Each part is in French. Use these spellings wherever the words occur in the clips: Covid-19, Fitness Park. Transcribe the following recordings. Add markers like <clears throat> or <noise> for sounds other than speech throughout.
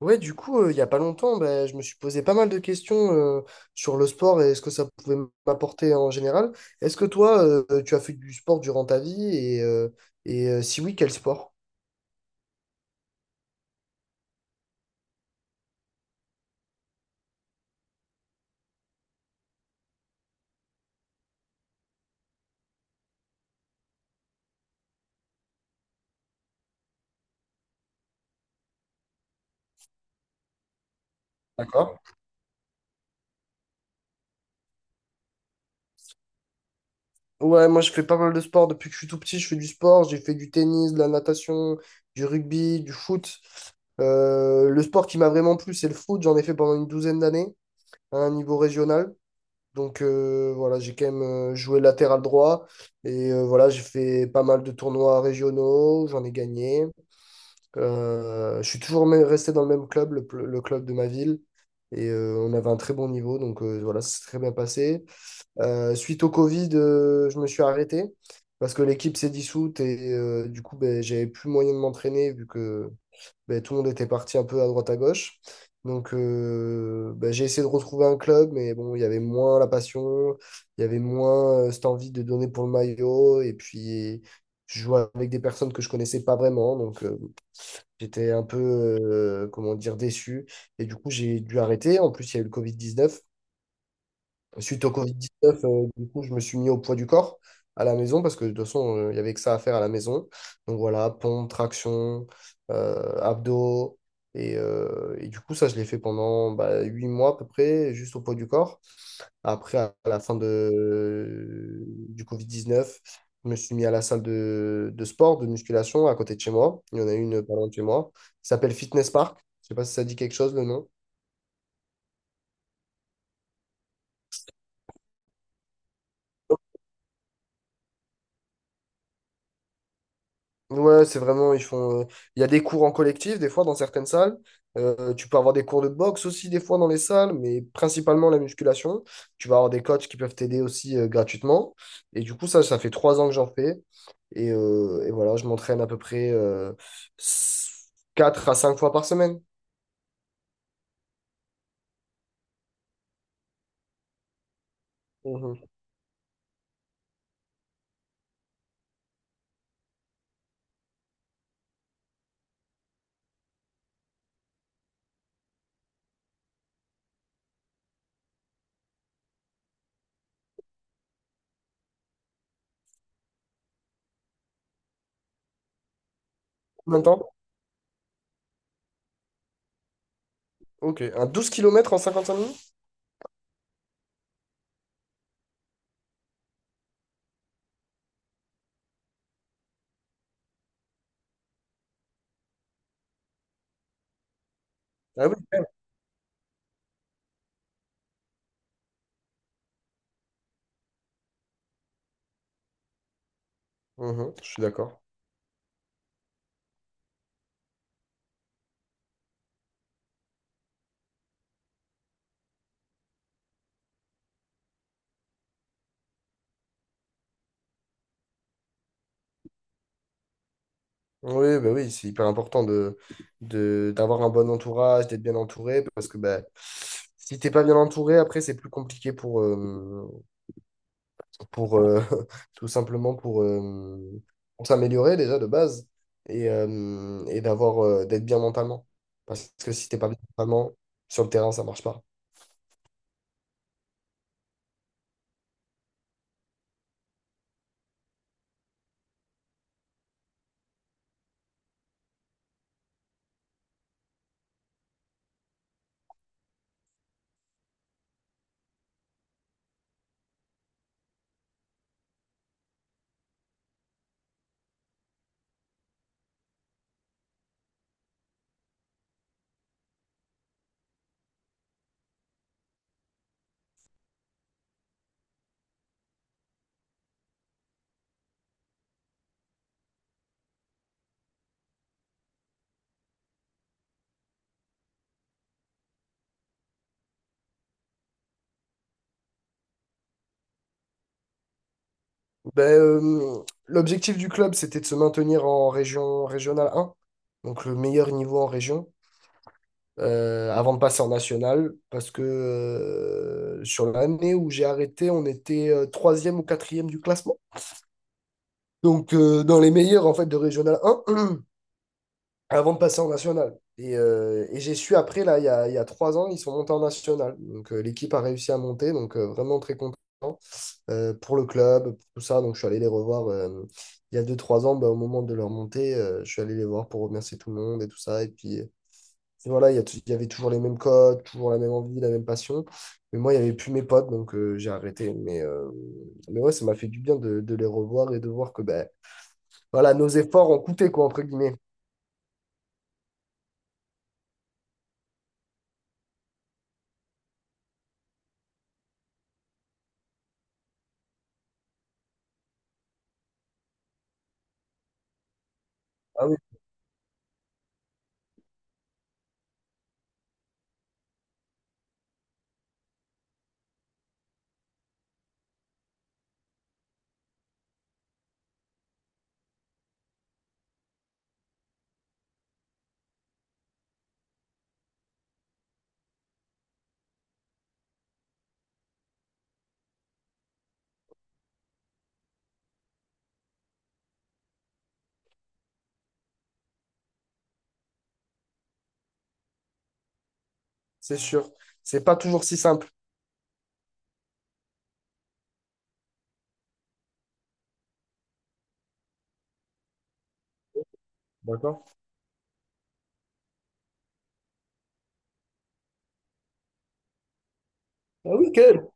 Ouais, du coup, il y a pas longtemps, ben, je me suis posé pas mal de questions sur le sport et ce que ça pouvait m'apporter en général. Est-ce que toi, tu as fait du sport durant ta vie et si oui, quel sport? D'accord. Ouais, moi je fais pas mal de sport depuis que je suis tout petit. Je fais du sport, j'ai fait du tennis, de la natation, du rugby, du foot. Le sport qui m'a vraiment plu, c'est le foot. J'en ai fait pendant une douzaine d'années à un niveau régional. Donc voilà, j'ai quand même joué latéral droit et voilà, j'ai fait pas mal de tournois régionaux, j'en ai gagné. Je suis toujours resté dans le même club, le club de ma ville, et on avait un très bon niveau, donc voilà, ça s'est très bien passé. Suite au Covid, je me suis arrêté parce que l'équipe s'est dissoute et du coup, ben, j'avais plus moyen de m'entraîner vu que ben, tout le monde était parti un peu à droite à gauche. Donc, ben, j'ai essayé de retrouver un club, mais bon, il y avait moins la passion, il y avait moins cette envie de donner pour le maillot. Et puis, je jouais avec des personnes que je connaissais pas vraiment. Donc, j'étais un peu, comment dire, déçu. Et du coup, j'ai dû arrêter. En plus, il y a eu le Covid-19. Suite au Covid-19, du coup, je me suis mis au poids du corps à la maison parce que de toute façon, il y avait que ça à faire à la maison. Donc voilà, pompe, traction, abdos. Et du coup, ça, je l'ai fait pendant bah, 8 mois à peu près, juste au poids du corps. Après, à la fin du Covid-19, je me suis mis à la salle de sport, de musculation à côté de chez moi. Il y en a une pas loin de chez moi. Ça s'appelle Fitness Park. Je sais pas si ça dit quelque chose, le nom. Ouais, c'est vraiment, ils font. Il y a des cours en collectif, des fois, dans certaines salles. Tu peux avoir des cours de boxe aussi, des fois, dans les salles, mais principalement la musculation. Tu vas avoir des coachs qui peuvent t'aider aussi gratuitement. Et du coup, ça fait 3 ans que j'en fais. Et voilà, je m'entraîne à peu près s- 4 à 5 fois par semaine. Mhm. Combien de temps? Ok. Un 12 kilomètres en 55 minutes? Ah oui. Mhm, je suis d'accord. Oui, bah oui, c'est hyper important d'avoir un bon entourage, d'être bien entouré, parce que bah, si t'es pas bien entouré, après, c'est plus compliqué pour <laughs> tout simplement pour s'améliorer déjà de base et d'avoir, d'être bien mentalement. Parce que si t'es pas bien mentalement, sur le terrain, ça marche pas. Ben, l'objectif du club, c'était de se maintenir en région régionale 1, donc le meilleur niveau en région. Avant de passer en national, parce que sur l'année où j'ai arrêté, on était troisième ou quatrième du classement. Donc dans les meilleurs en fait de Régional 1, <clears throat> avant de passer en national. Et j'ai su après, là, il y a 3 ans, ils sont montés en national. Donc l'équipe a réussi à monter, donc vraiment très content pour le club, pour tout ça. Donc je suis allé les revoir il y a deux, trois ans, bah, au moment de leur montée, je suis allé les voir pour remercier tout le monde et tout ça. Et puis et voilà, il y avait toujours les mêmes codes, toujours la même envie, la même passion. Mais moi, il n'y avait plus mes potes, donc j'ai arrêté. Mais ouais, ça m'a fait du bien de les revoir et de voir que ben, voilà, nos efforts ont coûté, quoi, entre guillemets. Ah oui, c'est sûr. C'est pas toujours si simple. D'accord? Ah oui, quel?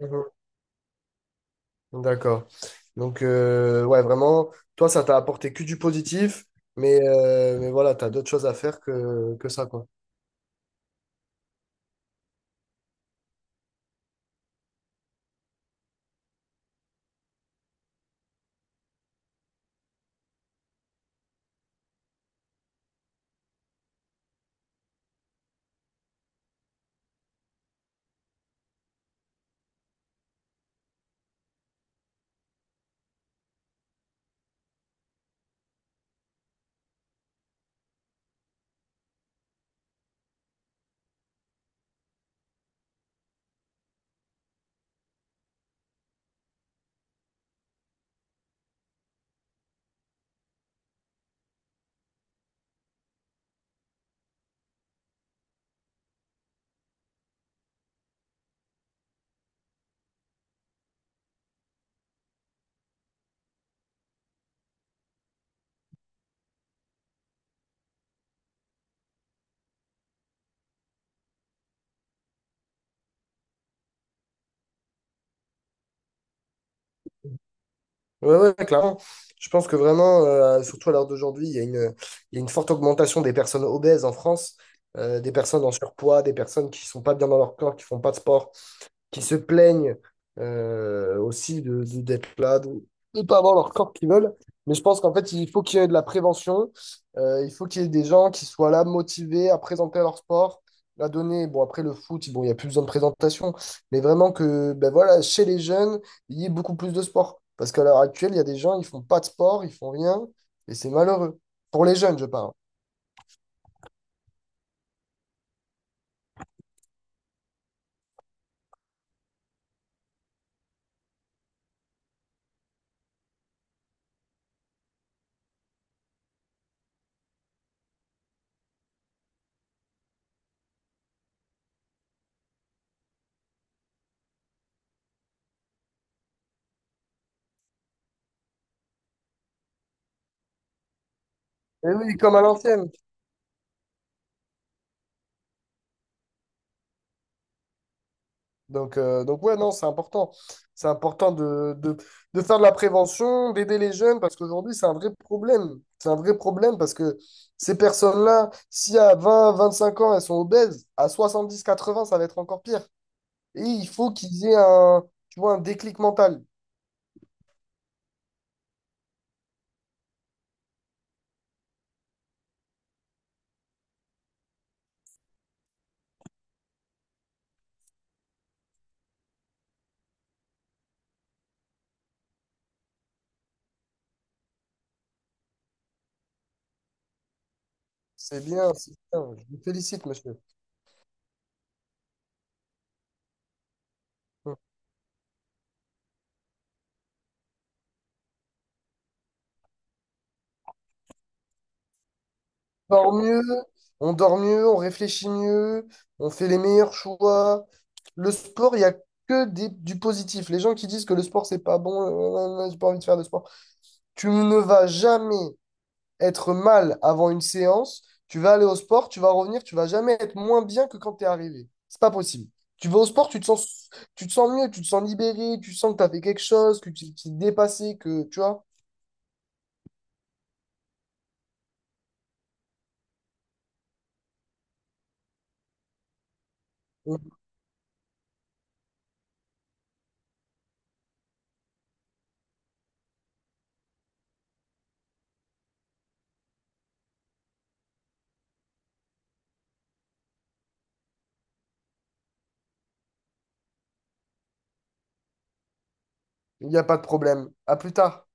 Mhm. D'accord. Donc, ouais, vraiment, toi, ça t'a apporté que du positif, mais voilà, t'as d'autres choses à faire que ça, quoi. Ouais, ouais, clairement. Je pense que vraiment, surtout à l'heure d'aujourd'hui, il y a une forte augmentation des personnes obèses en France, des personnes en surpoids, des personnes qui sont pas bien dans leur corps, qui font pas de sport, qui se plaignent aussi d'être là, de ne pas avoir leur corps qu'ils veulent. Mais je pense qu'en fait, il faut qu'il y ait de la prévention. Il faut qu'il y ait des gens qui soient là, motivés à présenter leur sport, à donner. Bon, après le foot, bon, il n'y a plus besoin de présentation. Mais vraiment que, ben voilà, chez les jeunes, il y ait beaucoup plus de sport. Parce qu'à l'heure actuelle, il y a des gens, ils font pas de sport, ils font rien. Et c'est malheureux. Pour les jeunes, je parle. Et oui, comme à l'ancienne. Donc, ouais, non, c'est important. C'est important de faire de la prévention, d'aider les jeunes, parce qu'aujourd'hui, c'est un vrai problème. C'est un vrai problème parce que ces personnes-là, si à 20-25 ans, elles sont obèses, à 70-80 ça va être encore pire. Et il faut qu'ils aient un, tu vois, un déclic mental. C'est bien, c'est bien. Je vous félicite, monsieur. dort mieux, on dort mieux, on réfléchit mieux, on fait les meilleurs choix. Le sport, il n'y a que du positif. Les gens qui disent que le sport, c'est pas bon, j'ai pas envie de faire de sport. Tu ne vas jamais être mal avant une séance. Tu vas aller au sport, tu vas revenir, tu vas jamais être moins bien que quand tu es arrivé. C'est pas possible. Tu vas au sport, tu te sens mieux, tu te sens libéré, tu sens que tu as fait quelque chose, que tu t'es dépassé, que tu vois, il n'y a pas de problème. À plus tard.